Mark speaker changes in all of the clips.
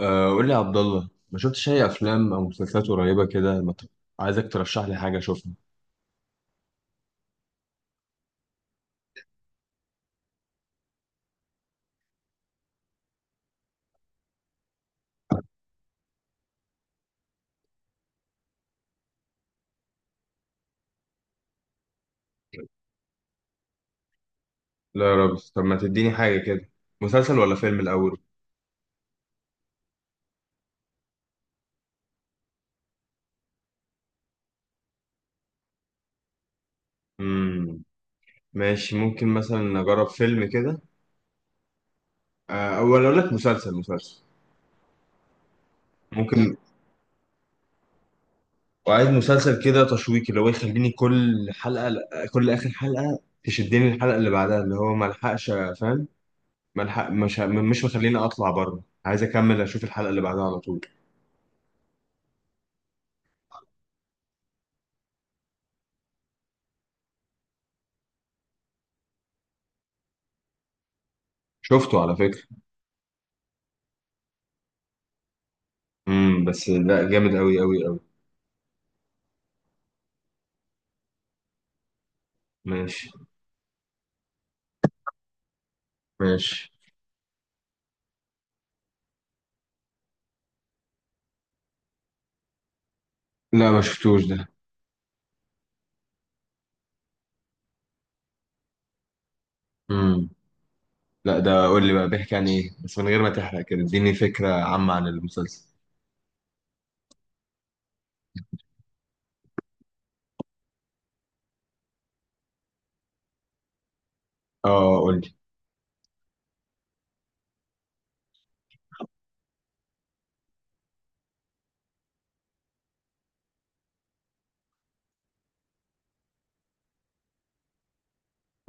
Speaker 1: قول لي يا عبد الله، ما شفتش اي افلام او مسلسلات قريبه كده. ما ت- عايزك ترشح لي حاجه اشوفها. لا يا رب، طب ما تديني حاجة كده. مسلسل ولا فيلم الأول؟ مم. ماشي، ممكن مثلا أجرب فيلم كده. أو ولا أقول لك مسلسل. ممكن. وعايز مسلسل كده تشويقي، اللي هو يخليني كل حلقة، كل آخر حلقة، تشدني الحلقة اللي بعدها، اللي هو ما الحقش، فاهم، ملحق، مش مخليني أطلع بره، عايز أكمل أشوف الحلقة اللي بعدها على طول. شفته على فكرة. بس لا، جامد قوي قوي قوي. ماشي. ماشي. لا، ما شفتوش ده. امم لا، ده قول لي بقى بيحكي عن ايه، بس من غير ما تحرق، كده اديني فكرة عامة عن المسلسل. اه قول لي.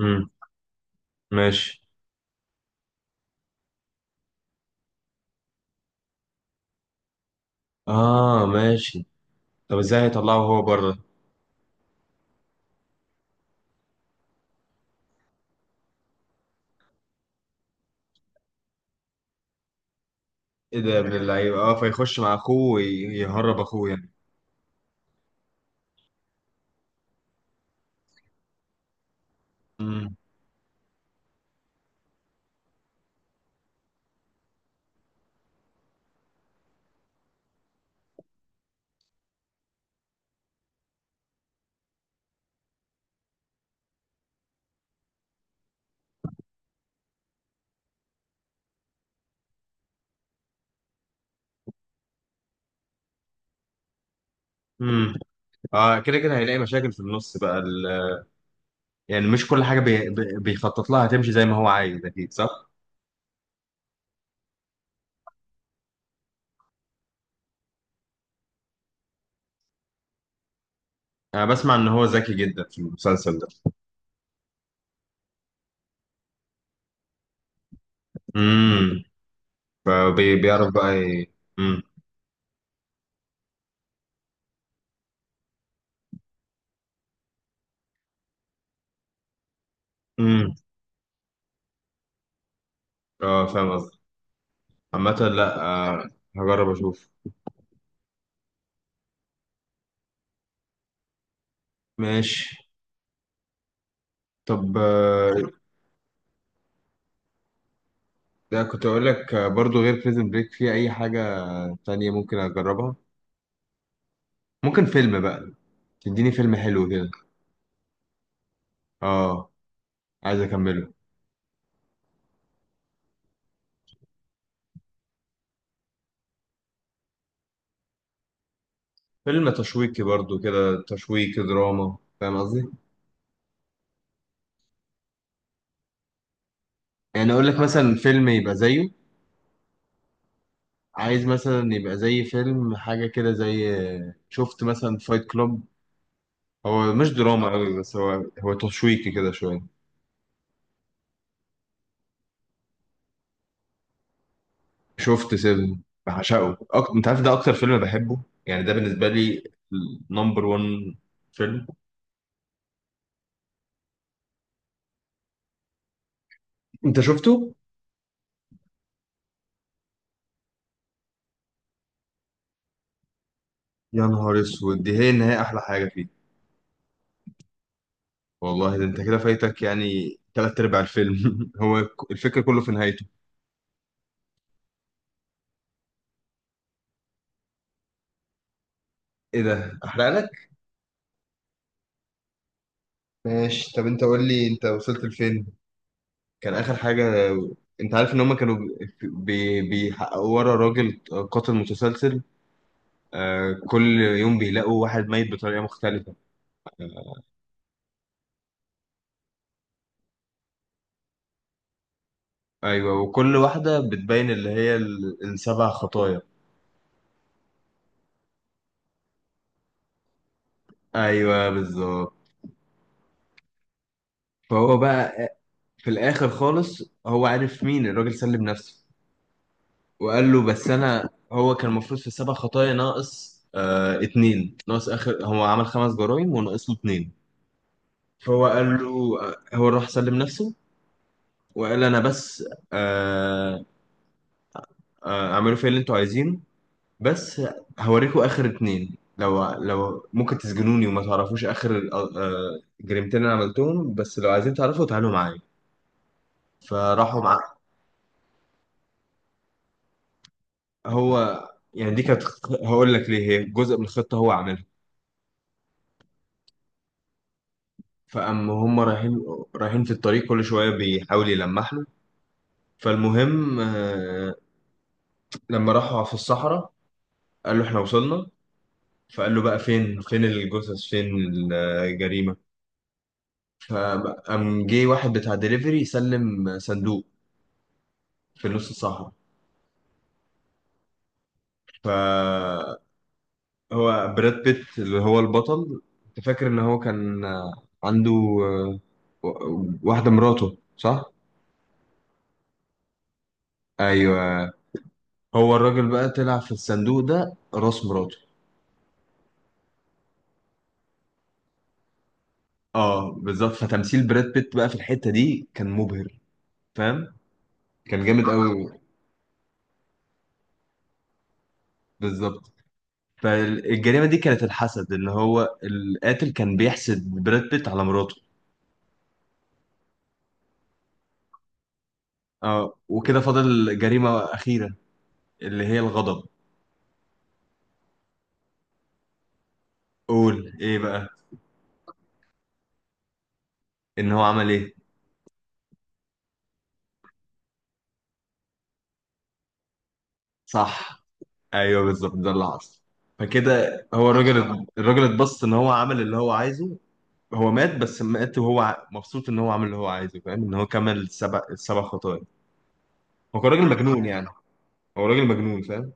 Speaker 1: امم ماشي. اه ماشي، طب ازاي هيطلعه هو بره؟ ايه ده يا ابن اللعيبة؟ اه فيخش مع اخوه ويهرب اخوه يعني. امم امم اه، كده كده هيلاقي مشاكل في النص بقى يعني مش كل حاجة بيخطط لها هتمشي زي ما هو عايز، اكيد صح. انا بسمع ان هو ذكي جدا في المسلسل ده. امم فبيعرف بقى مم. مم. اه فاهم قصدي. عامة لا. هجرب اشوف. ماشي. طب، ده كنت اقول لك، برضو غير بريزن بريك، في اي حاجة تانية ممكن اجربها؟ ممكن فيلم بقى، تديني فيلم حلو كده. اه عايز اكمله. فيلم تشويقي برضو كده، تشويقي دراما، فاهم قصدي. يعني اقول لك مثلا فيلم يبقى زيه. عايز مثلا يبقى زي فيلم حاجة كده زي، شفت مثلا فايت كلوب. هو مش دراما قوي، بس هو تشويقي كده شويه. شفت سيفن، بعشقه أكتر. انت عارف، ده اكتر فيلم بحبه يعني. ده بالنسبه لي نمبر 1 فيلم. انت شفته؟ يا نهار اسود، دي هي النهايه احلى حاجه فيه. والله ده انت كده فايتك يعني تلات ارباع الفيلم. هو الفكره كله في نهايته. ايه ده احرق لك. ماشي، طب انت قول لي انت وصلت لفين؟ كان اخر حاجه، انت عارف ان هم كانوا بيحققوا ورا راجل قاتل متسلسل، كل يوم بيلاقوا واحد ميت بطريقة مختلفة آه، أيوة، وكل واحدة بتبين اللي هي السبع خطايا. أيوة بالظبط. فهو بقى، في الآخر خالص هو عارف مين الراجل، سلم نفسه وقال له: بس أنا، هو كان المفروض في السبع خطايا ناقص اتنين، ناقص آخر، هو عمل خمس جرائم وناقص له اتنين. فهو قال له، هو راح سلم نفسه وقال: أنا بس، آه اعملوا فيا اللي انتوا عايزينه، بس هوريكم اخر اتنين. لو ممكن تسجنوني وما تعرفوش اخر جريمتين انا عملتهم، بس لو عايزين تعرفوا تعالوا معايا. فراحوا مع. هو يعني دي كانت، هقول لك ليه، هي جزء من الخطه هو عاملها. فاما هم رايحين، في الطريق كل شويه بيحاول يلمح له. فالمهم، لما راحوا في الصحراء قال له: احنا وصلنا. فقال له: بقى فين، فين الجثث، فين الجريمه؟ فقام جه واحد بتاع دليفري يسلم صندوق في النص. صاحب، فهو براد بيت اللي هو البطل، انت فاكر ان هو كان عنده، آه، واحدة، مراته صح؟ ايوه. هو الراجل بقى طلع في الصندوق ده راس مراته. اه بالظبط، فتمثيل براد بيت بقى في الحتة دي كان مبهر، فاهم؟ كان جامد قوي. بالظبط، فالجريمة دي كانت الحسد، اللي هو القاتل كان بيحسد براد بيت على مراته. اه وكده فاضل جريمة أخيرة اللي هي الغضب. قول ايه بقى؟ ان هو عمل ايه؟ صح، ايوه بالظبط ده اللي حصل. فكده هو الراجل، اتبسط ان هو عمل اللي هو عايزه. هو مات، بس مات وهو مبسوط ان هو عمل اللي هو عايزه، فاهم؟ ان هو كمل السبع خطايا. هو كان راجل مجنون يعني. هو راجل مجنون، فاهم.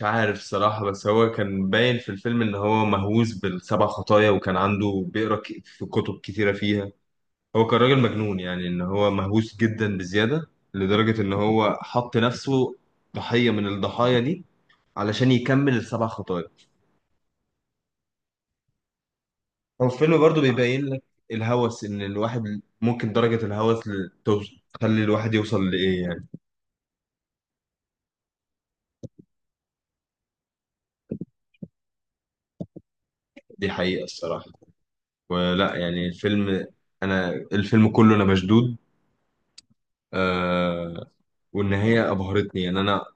Speaker 1: مش عارف الصراحة، بس هو كان باين في الفيلم ان هو مهووس بالسبع خطايا، وكان عنده بيقرا في كتب كتيرة فيها. هو كان راجل مجنون يعني، ان هو مهووس جدا بزيادة لدرجة ان هو حط نفسه ضحية من الضحايا دي علشان يكمل السبع خطوات. هو الفيلم برضو بيبين لك الهوس، ان الواحد ممكن درجة الهوس تخلي الواحد يوصل لإيه يعني. دي حقيقة الصراحة، ولا يعني الفيلم. أنا الفيلم كله أنا مشدود آه والنهاية أبهرتني يعني. أنا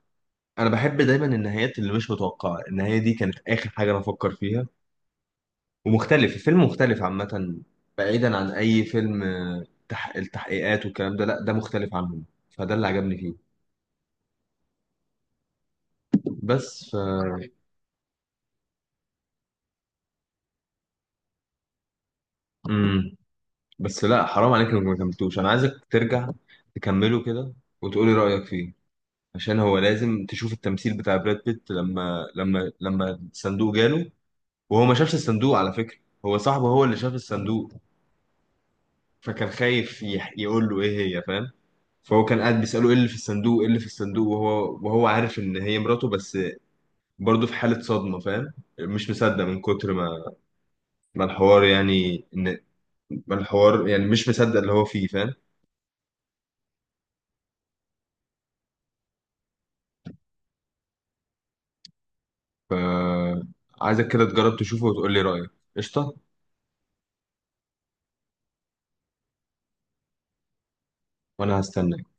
Speaker 1: أنا بحب دايما النهايات اللي مش متوقعة. النهاية دي كانت آخر حاجة أنا أفكر فيها. ومختلف، الفيلم مختلف عامة، بعيدا عن أي فيلم، التحقيقات والكلام ده، لا ده مختلف عنهم. فده اللي عجبني فيه. بس مم. بس لا حرام عليك، لو ما كملتوش انا عايزك ترجع تكمله كده وتقولي رأيك فيه. عشان هو لازم تشوف التمثيل بتاع براد بيت لما الصندوق جاله، وهو ما شافش الصندوق على فكرة. هو صاحبه هو اللي شاف الصندوق، فكان خايف يقول له ايه هي، فاهم؟ فهو كان قاعد بيسأله ايه اللي في الصندوق، ايه اللي في الصندوق، وهو عارف ان هي مراته، بس برضه في حالة صدمة فاهم. مش مصدق، من كتر ما الحوار يعني، ان ما الحوار يعني مش مصدق اللي هو فيه، فاهم. فعايزك كده تجرب تشوفه وتقول لي رأيك. قشطة، وأنا هستناك.